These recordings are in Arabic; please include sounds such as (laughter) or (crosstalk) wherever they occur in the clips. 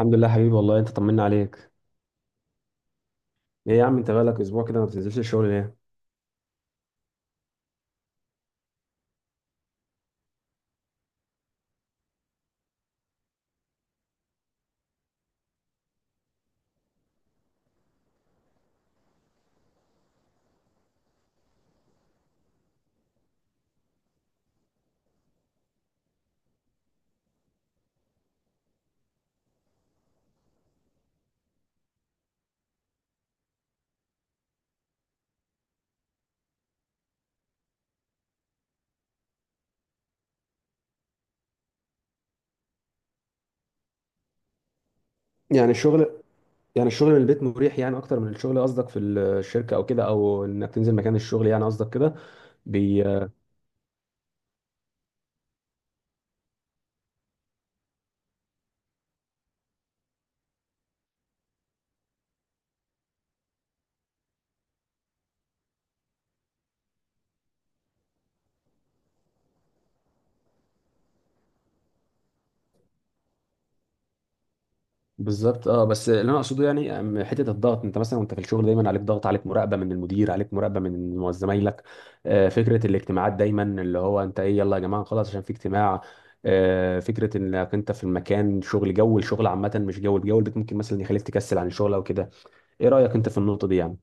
الحمد لله حبيبي، والله انت طمنا عليك. ايه يا عم، انت بقالك اسبوع كده ما بتنزلش الشغل ليه؟ يعني الشغل يعني الشغل من البيت مريح يعني، اكتر من الشغل؟ قصدك في الشركه او كده، او انك تنزل مكان الشغل يعني، قصدك كده؟ بي... بالظبط، اه. بس اللي انا اقصده يعني حته الضغط، انت مثلا وانت في الشغل دايما عليك ضغط، عليك مراقبه من المدير، عليك مراقبه من زمايلك. فكره الاجتماعات دايما، اللي هو انت ايه، يلا يا جماعه خلاص عشان في اجتماع. فكره انك انت في المكان شغل، جو الشغل عامه مش جو الجو البيت، ممكن مثلا يخليك تكسل عن الشغل او كده. ايه رأيك انت في النقطة دي يعني؟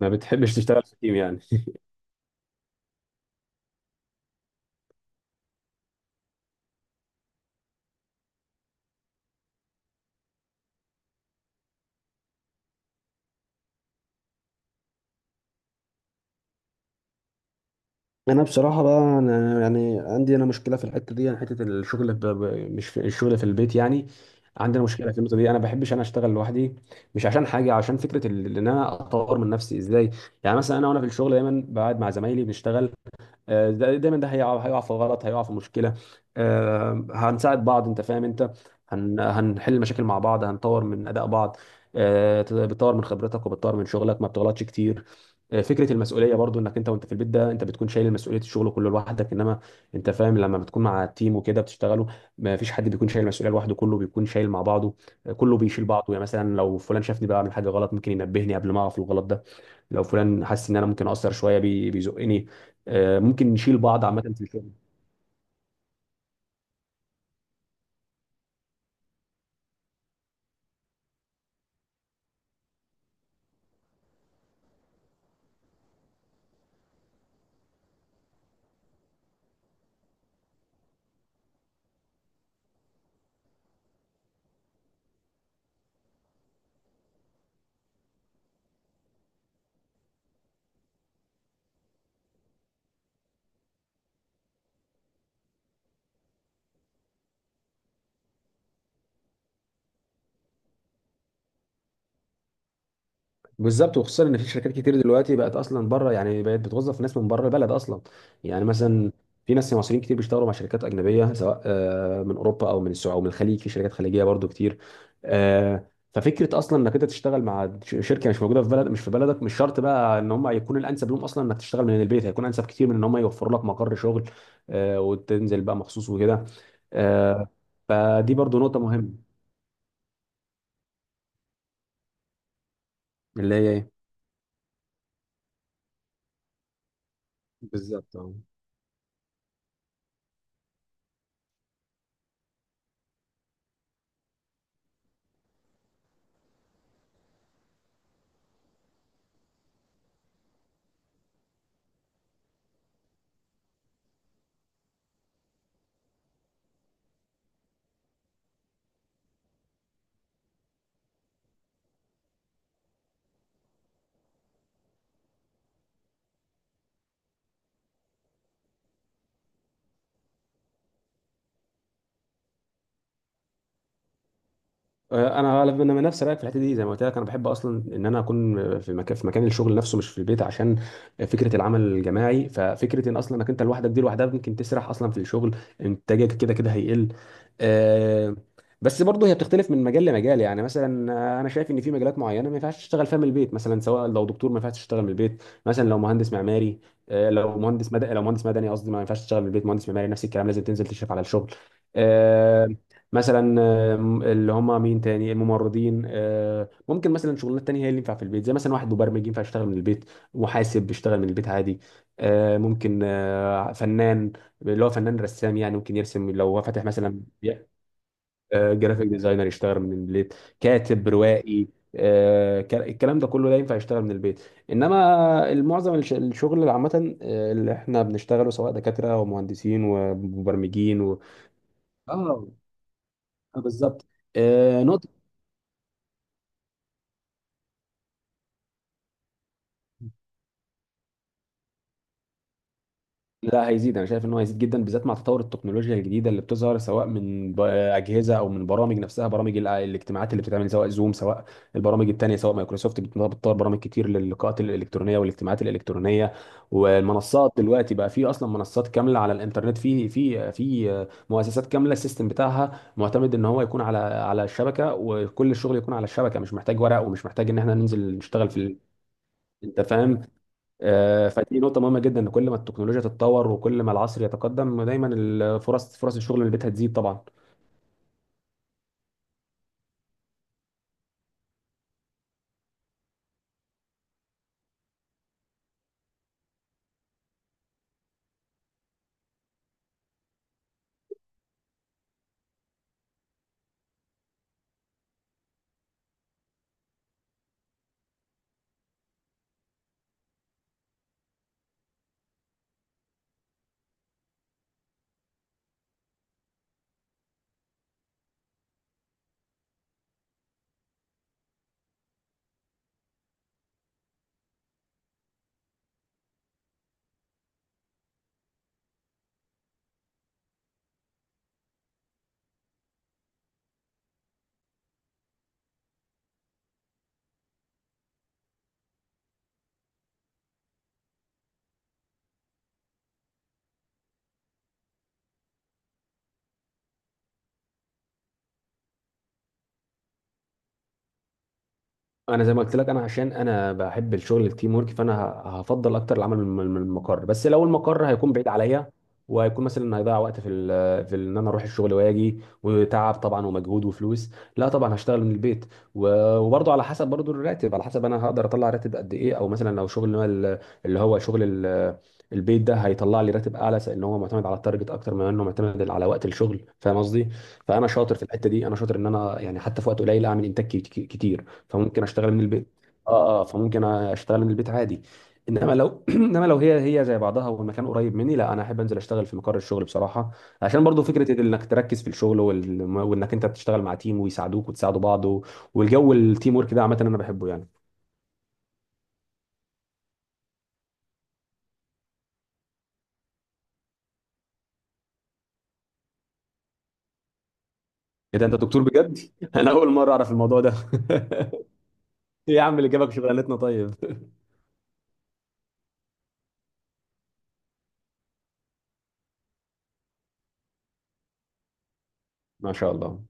ما بتحبش تشتغل في تيم يعني؟ انا بصراحه بقى، انا يعني عندي انا مشكله في الحته دي يعني، حته الشغل مش في الشغل، في البيت يعني. عندنا مشكله في النقطه دي، انا بحبش انا اشتغل لوحدي. مش عشان حاجه، عشان فكره ان انا اطور من نفسي ازاي. يعني مثلا انا وانا في الشغل دايما بقعد مع زمايلي بنشتغل. دايما ده هيقع هيقع في غلط، هيقع في مشكله. هنساعد بعض، انت فاهم انت، هنحل مشاكل مع بعض، هنطور من اداء بعض. بتطور من خبرتك وبتطور من شغلك، ما بتغلطش كتير. فكره المسؤوليه برضو، انك انت وانت في البيت ده انت بتكون شايل مسؤوليه الشغل كله لوحدك، انما انت فاهم لما بتكون مع التيم وكده بتشتغلوا، ما فيش حد بيكون شايل المسؤوليه لوحده، كله بيكون شايل مع بعضه. كله بيشيل بعضه. يعني مثلا لو فلان شافني بعمل حاجه غلط ممكن ينبهني قبل ما اقع في الغلط ده. لو فلان حس ان انا ممكن اقصر شويه بيزقني. ممكن نشيل بعض عامه في الشغل. بالظبط، وخصوصا ان في شركات كتير دلوقتي بقت اصلا بره، يعني بقت بتوظف ناس من بره البلد اصلا. يعني مثلا في ناس مصريين كتير بيشتغلوا مع شركات اجنبيه، سواء من اوروبا او من السعوديه او من الخليج، في شركات خليجيه برضو كتير. ففكره اصلا انك انت تشتغل مع شركه مش موجوده في بلد، مش في بلدك، مش شرط بقى ان هم يكون الانسب لهم اصلا انك تشتغل من البيت، هيكون انسب كتير من ان هم يوفروا لك مقر شغل. وتنزل بقى مخصوص وكده. آه، فدي برضو نقطه مهمه. اللي هي ايه؟ بالظبط، آه. انا غالبا انا من نفس رايك في الحته دي. زي ما قلت لك، انا بحب اصلا ان انا اكون في مكان، في مكان الشغل نفسه مش في البيت، عشان فكره العمل الجماعي. ففكره ان اصلا انك انت لوحدك دي لوحدها ممكن تسرح اصلا في الشغل، انتاجك كده كده هيقل. آه، بس برضه هي بتختلف من مجال لمجال. يعني مثلا انا شايف ان في مجالات معينه ما ينفعش تشتغل فيها من البيت. مثلا سواء لو دكتور ما ينفعش تشتغل من البيت، مثلا لو مهندس معماري. لو مهندس مدني، لو مهندس مدني قصدي، ما ينفعش تشتغل من البيت. مهندس معماري نفس الكلام، لازم تنزل تشرف على الشغل. آه، مثلا اللي هم مين تاني، الممرضين. ممكن مثلا شغلانات تانية هي اللي ينفع في البيت، زي مثلا واحد مبرمج ينفع يشتغل من البيت، محاسب بيشتغل من البيت عادي. ممكن فنان، اللي هو فنان رسام يعني ممكن يرسم لو هو فاتح مثلا. جرافيك ديزاينر يشتغل من البيت، كاتب روائي. الكلام ده كله ده ينفع يشتغل من البيت. انما المعظم الشغل اللي عامه اللي احنا بنشتغله، سواء دكاتره ومهندسين ومبرمجين و... اه. بالظبط. نقطة، لا هيزيد. انا شايف ان هو هيزيد جدا، بالذات مع تطور التكنولوجيا الجديده اللي بتظهر، سواء من اجهزه او من برامج نفسها، برامج الاجتماعات اللي بتتعمل، سواء زوم، سواء البرامج التانيه، سواء مايكروسوفت. بتطور برامج كتير للقاءات الالكترونيه والاجتماعات الالكترونيه. والمنصات دلوقتي بقى في اصلا منصات كامله على الانترنت، في مؤسسات كامله السيستم بتاعها معتمد ان هو يكون على الشبكه، وكل الشغل يكون على الشبكه، مش محتاج ورق، ومش محتاج ان احنا ننزل نشتغل في انت فاهم. فدي نقطة مهمة جدا، ان كل ما التكنولوجيا تتطور وكل ما العصر يتقدم دايما الفرص، فرص الشغل من البيت هتزيد طبعا. انا زي ما قلت لك، انا عشان انا بحب الشغل التيم ورك فانا هفضل اكتر العمل من من المقر. بس لو المقر هيكون بعيد عليا، وهيكون مثلا هيضيع وقت ان انا اروح الشغل واجي، وتعب طبعا ومجهود وفلوس، لا طبعا هشتغل من البيت. وبرضه على حسب برضه الراتب، على حسب انا هقدر اطلع راتب قد ايه. او مثلا لو شغل اللي هو ال- اللي هو شغل ال- البيت ده هيطلع لي راتب اعلى، لان هو معتمد على التارجت اكتر ما انه معتمد على وقت الشغل، فاهم قصدي. فانا شاطر في الحته دي، انا شاطر ان انا يعني حتى في وقت قليل اعمل انتاج كتير، فممكن اشتغل من البيت. اه اه، فممكن اشتغل من البيت عادي. انما لو (clears throat) انما لو هي زي بعضها والمكان قريب مني، لا انا احب انزل اشتغل في مقر الشغل بصراحه. عشان برضو فكره انك تركز في الشغل وانك انت بتشتغل مع تيم ويساعدوك وتساعدوا بعض و... والجو التيم ورك ده عامه انا بحبه يعني. ايه ده، انت دكتور بجد؟ (laughs) انا اول مره اعرف الموضوع ده. (laughs) ايه يا عم اللي جابك شغلانتنا طيب؟ (laughs) ما شاء الله.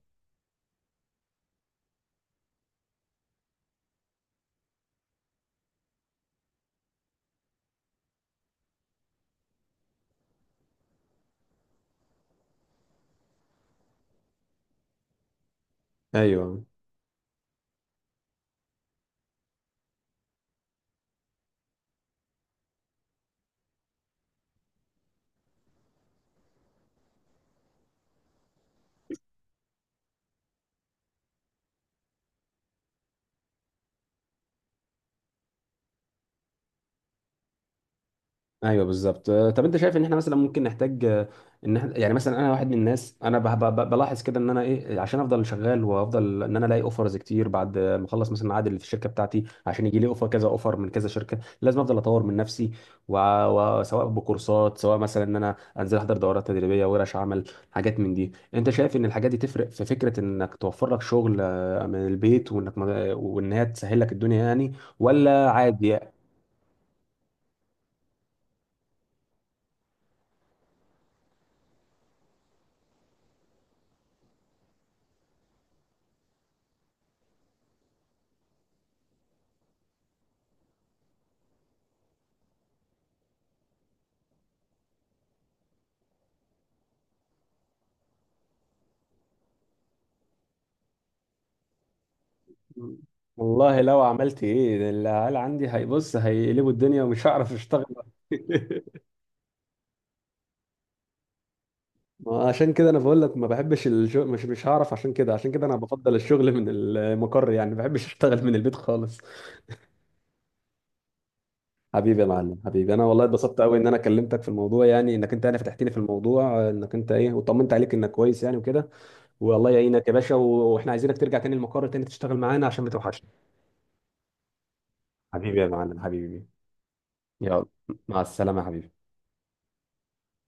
ايوه ايوه، بالظبط. طب انت شايف ان احنا مثلا ممكن نحتاج ان احنا يعني مثلا انا واحد من الناس، انا بلاحظ كده ان انا ايه، عشان افضل شغال وافضل ان انا الاقي اوفرز كتير بعد ما اخلص مثلا عقد اللي في الشركه بتاعتي، عشان يجي لي اوفر كذا اوفر من كذا شركه لازم افضل اطور من نفسي. وع- وسواء بكورسات، سواء مثلا ان انا انزل احضر دورات تدريبيه، ورش عمل، حاجات من دي. انت شايف ان الحاجات دي تفرق في فكره انك توفر لك شغل من البيت، وانك وان هي تسهل لك الدنيا يعني، ولا عادي؟ والله لو عملت ايه ده العيال عندي هيبص هيقلبوا الدنيا ومش هعرف اشتغل. (laughs) ما عشان كده انا بقول لك ما بحبش الشغل، مش هعرف، عشان كده عشان كده انا بفضل الشغل من المقر يعني، ما بحبش اشتغل من البيت خالص. حبيبي يا معلم حبيبي، انا والله اتبسطت قوي ان انا كلمتك في الموضوع، يعني انك انت يعني فتحتني في الموضوع انك انت ايه، وطمنت عليك انك كويس يعني وكده. والله يعينك يا باشا، واحنا عايزينك ترجع تاني المقر تاني تشتغل معانا عشان ما توحشنا. حبيبي يا معلم حبيبي، يلا، مع السلامة يا حبيبي.